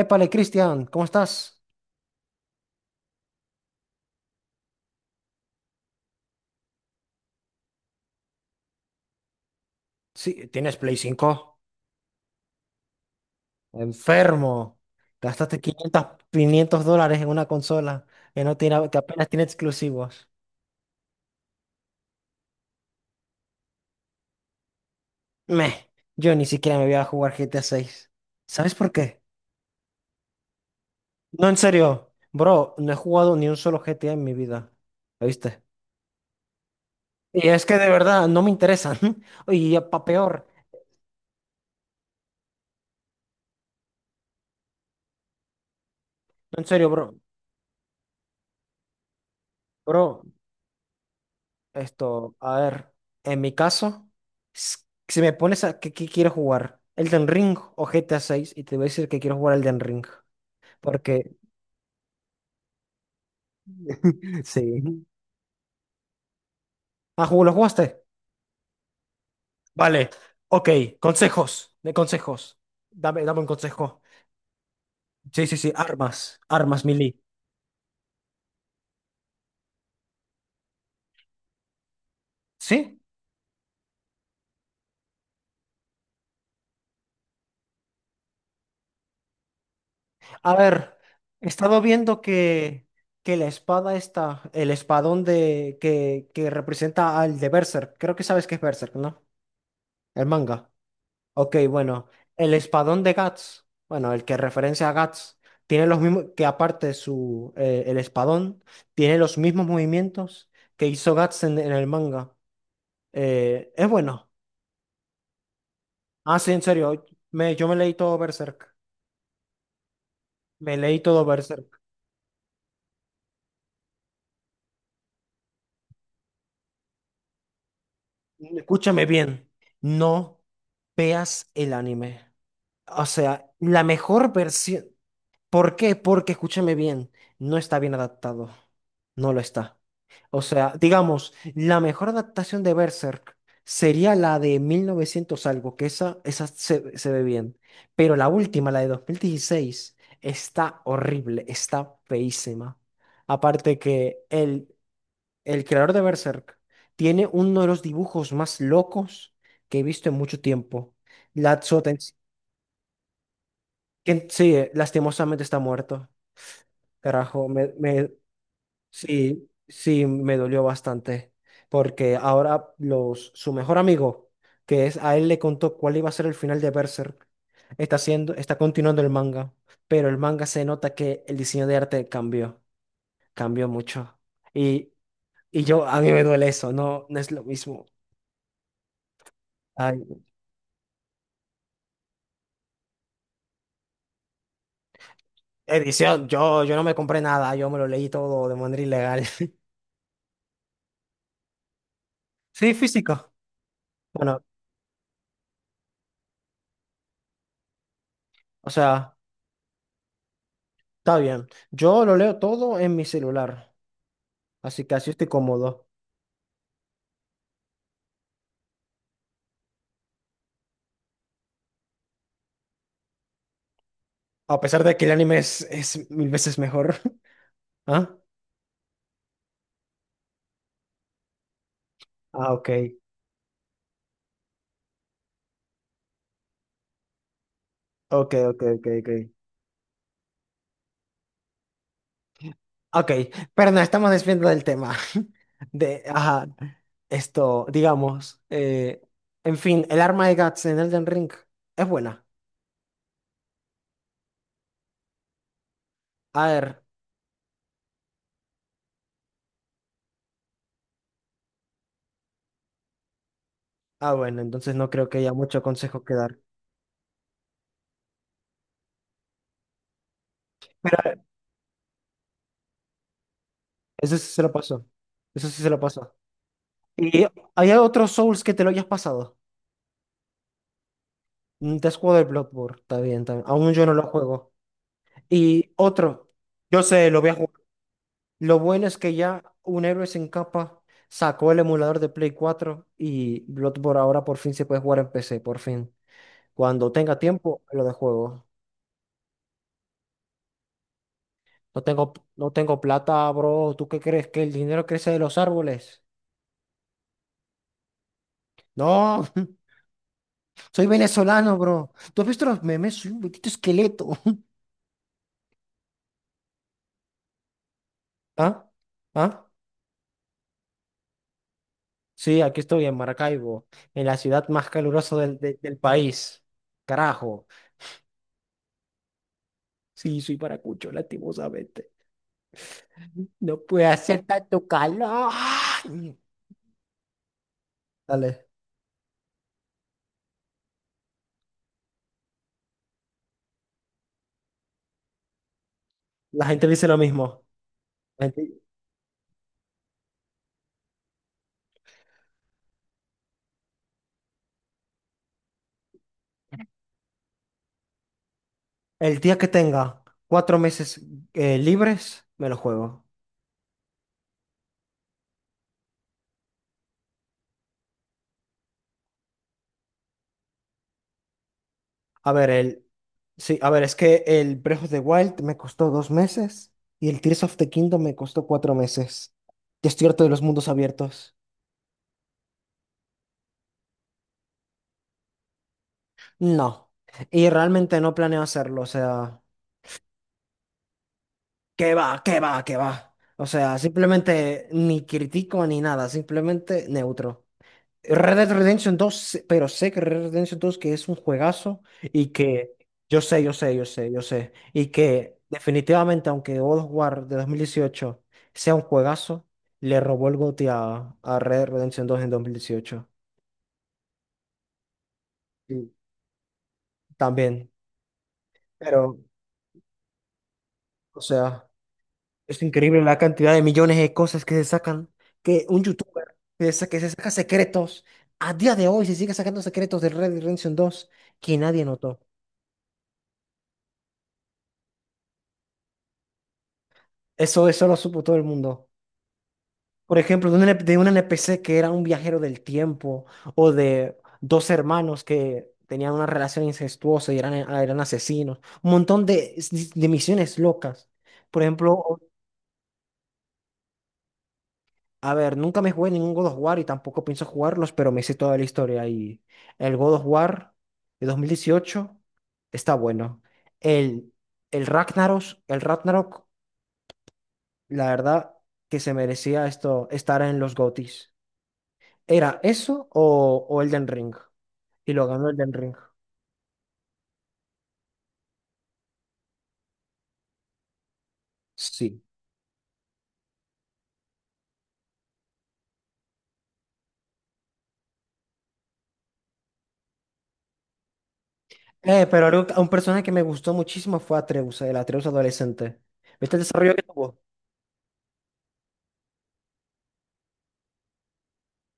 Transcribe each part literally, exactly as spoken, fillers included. Épale, Cristian, ¿cómo estás? Sí, ¿tienes Play cinco? Enfermo. Gastaste quinientos quinientos dólares en una consola que, no tiene, que apenas tiene exclusivos. Meh, yo ni siquiera me voy a jugar G T A seis. ¿Sabes por qué? No, en serio. Bro, no he jugado ni un solo G T A en mi vida. ¿Viste? Y es que de verdad no me interesan. Oye, y pa' peor. No, en serio, bro. Bro, esto, a ver, en mi caso, s- si me pones a qué, qué quiero jugar, Elden Ring o G T A seis, y te voy a decir que quiero jugar Elden Ring, porque sí. Ah, ¿jugó- ¿lo jugaste? Vale, ok, consejos, de consejos. Dame, dame un consejo. Sí, sí, sí, armas, armas melee. ¿Sí? A ver, he estado viendo que, que la espada está, el espadón de, que, que representa al de Berserk. Creo que sabes que es Berserk, ¿no? El manga. Ok, bueno, el espadón de Guts, bueno, el que referencia a Guts, tiene los mismos, que aparte su, eh, el espadón, tiene los mismos movimientos que hizo Guts en, en el manga. Eh, es bueno. Ah, sí, en serio, me, yo me leí todo Berserk. Me leí todo Berserk. Escúchame bien, no veas el anime. O sea, la mejor versión. ¿Por qué? Porque, escúchame bien, no está bien adaptado. No lo está. O sea, digamos, la mejor adaptación de Berserk sería la de mil novecientos algo, que esa, esa se, se ve bien. Pero la última, la de dos mil dieciséis, está horrible, está feísima. Aparte que el, el creador de Berserk tiene uno de los dibujos más locos que he visto en mucho tiempo. Latzo Tens- que sí, lastimosamente está muerto. Carajo. me, me, Sí, sí, me dolió bastante, porque ahora los, su mejor amigo, que es a él le contó cuál iba a ser el final de Berserk, está haciendo, está continuando el manga, pero el manga se nota que el diseño de arte cambió, cambió mucho. Y, y yo, a mí me duele eso, no, no es lo mismo. Ay, edición, yo, yo no me compré nada, yo me lo leí todo de manera ilegal. Sí, físico. Bueno, o sea, está bien. Yo lo leo todo en mi celular, así que así estoy cómodo. A pesar de que el anime es, es mil veces mejor. ¿Ah? Ah, ok. Ok, ok, ok, ok. Ok, pero nos estamos desviando del tema. De, ajá, esto, digamos, eh, en fin, el arma de Guts en Elden Ring es buena. A ver, ah, bueno, entonces no creo que haya mucho consejo que dar. Pero eso sí se lo pasó. Eso sí se lo pasó. ¿Y hay otros Souls que te lo hayas pasado? Mm, te has jugado el Bloodborne, está bien, está bien. Aún yo no lo juego. Y otro, yo sé, lo voy a jugar. Lo bueno es que ya un héroe sin capa sacó el emulador de Play cuatro y Bloodborne ahora por fin se puede jugar en P C, por fin. Cuando tenga tiempo, lo de juego. No tengo, no tengo plata, bro. ¿Tú qué crees? ¿Que el dinero crece de los árboles? No, soy venezolano, bro. ¿Tú has visto los memes? Soy un poquito esqueleto. ¿Ah? ¿Ah? Sí, aquí estoy en Maracaibo, en la ciudad más calurosa del, de- del país. Carajo. Sí, soy paracucho, lastimosamente. No puede hacer tanto calor. Ay, dale. La gente dice lo mismo. La gente- El día que tenga cuatro meses, eh, libres, me lo juego. A ver, el. Sí, a ver, es que el Breath of the Wild me costó dos meses y el Tears of the Kingdom me costó cuatro meses. Ya estoy harto de los mundos abiertos. No. Y realmente no planeo hacerlo. O sea, ¿qué va? ¿Qué va? ¿Qué va? O sea, simplemente ni critico ni nada, simplemente neutro. Red Dead Redemption dos, pero sé que Red Dead Redemption dos que es un juegazo y que yo sé, yo sé, yo sé, yo sé, y que definitivamente, aunque God of War de dos mil dieciocho sea un juegazo, le robó el G O T Y a, a Red Dead Redemption dos en dos mil dieciocho. Y también, pero, o sea, es increíble la cantidad de millones de cosas que se sacan, que un youtuber que se que se saca secretos, a día de hoy se sigue sacando secretos de Red Dead Redemption dos que nadie notó. Eso, eso lo supo todo el mundo. Por ejemplo, de un, N- de un N P C que era un viajero del tiempo, o de dos hermanos que tenían una relación incestuosa y eran, ah, eran asesinos. Un montón de, de misiones locas. Por ejemplo, a ver, nunca me jugué ningún God of War y tampoco pienso jugarlos, pero me sé toda la historia. Y el God of War de dos mil dieciocho está bueno. El, el Ragnaros, el Ragnarok, la verdad que se merecía esto, estar en los G O T Ys. Era eso o, o Elden Ring. Y lo ganó Elden Ring. Sí. Eh, pero algo- un personaje que me gustó muchísimo fue Atreus, el Atreus adolescente. ¿Viste el desarrollo que tuvo?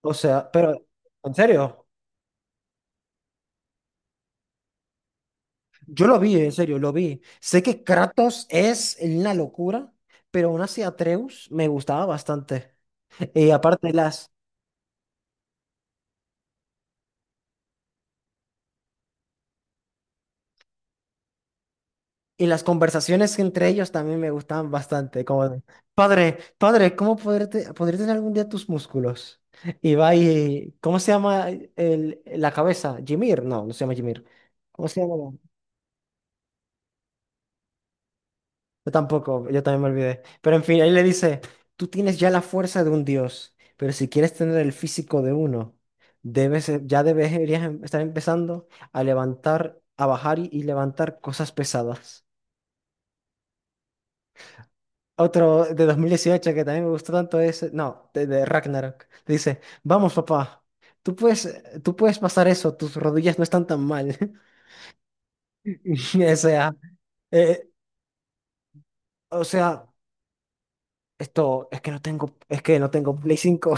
O sea, pero, ¿en serio? Yo lo vi, en serio, lo vi. Sé que Kratos es una locura, pero aún así Atreus me gustaba bastante. Y aparte, las, y las conversaciones entre ellos también me gustaban bastante, como de, padre, padre, ¿cómo podré, te- podré tener algún día tus músculos? Y va y, ¿cómo se llama el, la cabeza? Jimir, no, no se llama Jimir. ¿Cómo se llama? Yo tampoco, yo también me olvidé. Pero en fin, él le dice, tú tienes ya la fuerza de un dios, pero si quieres tener el físico de uno, debes, eh, ya deberías em- estar empezando a levantar, a bajar y y levantar cosas pesadas. Otro de dos mil dieciocho que también me gustó tanto es, no, de, de Ragnarok. Dice, vamos, papá, tú puedes, tú puedes pasar eso, tus rodillas no están tan mal. O sea, eh, o sea, esto es que no tengo, es que no tengo Play cinco.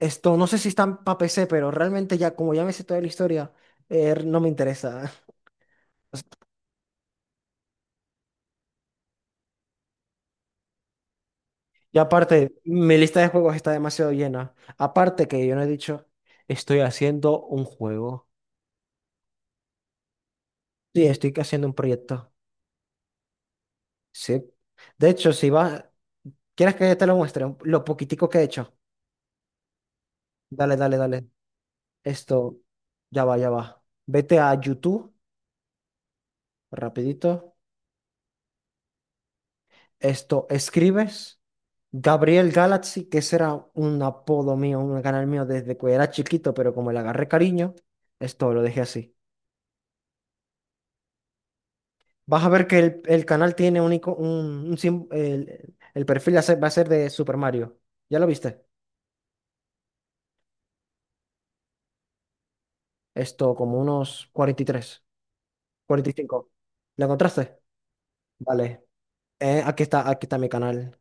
Esto no sé si está para P C, pero realmente ya, como ya me sé toda la historia, eh, no me interesa. Y aparte, mi lista de juegos está demasiado llena. Aparte que yo no he dicho, estoy haciendo un juego. Sí, estoy haciendo un proyecto. Sí. De hecho, si vas, ¿quieres que te lo muestre? Un- Lo poquitico que he hecho. Dale, dale, dale. Esto, ya va, ya va. Vete a YouTube, rapidito. Esto, escribes. Gabriel Galaxy, que ese era un apodo mío, un canal mío desde que era chiquito, pero como le agarré cariño, esto lo dejé así. Vas a ver que el, el canal tiene un, ico- un, un sim- el, el perfil va a ser va a ser de Super Mario. ¿Ya lo viste? Esto, como unos cuarenta cuarenta y tres, cuarenta y cinco. ¿Lo encontraste? Vale. Eh, aquí está, aquí está mi canal.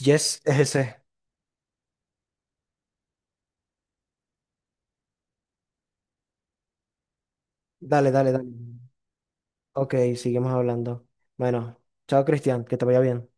Yes, es ese. Dale, dale, dale. Ok, seguimos hablando. Bueno, chao Cristian, que te vaya bien.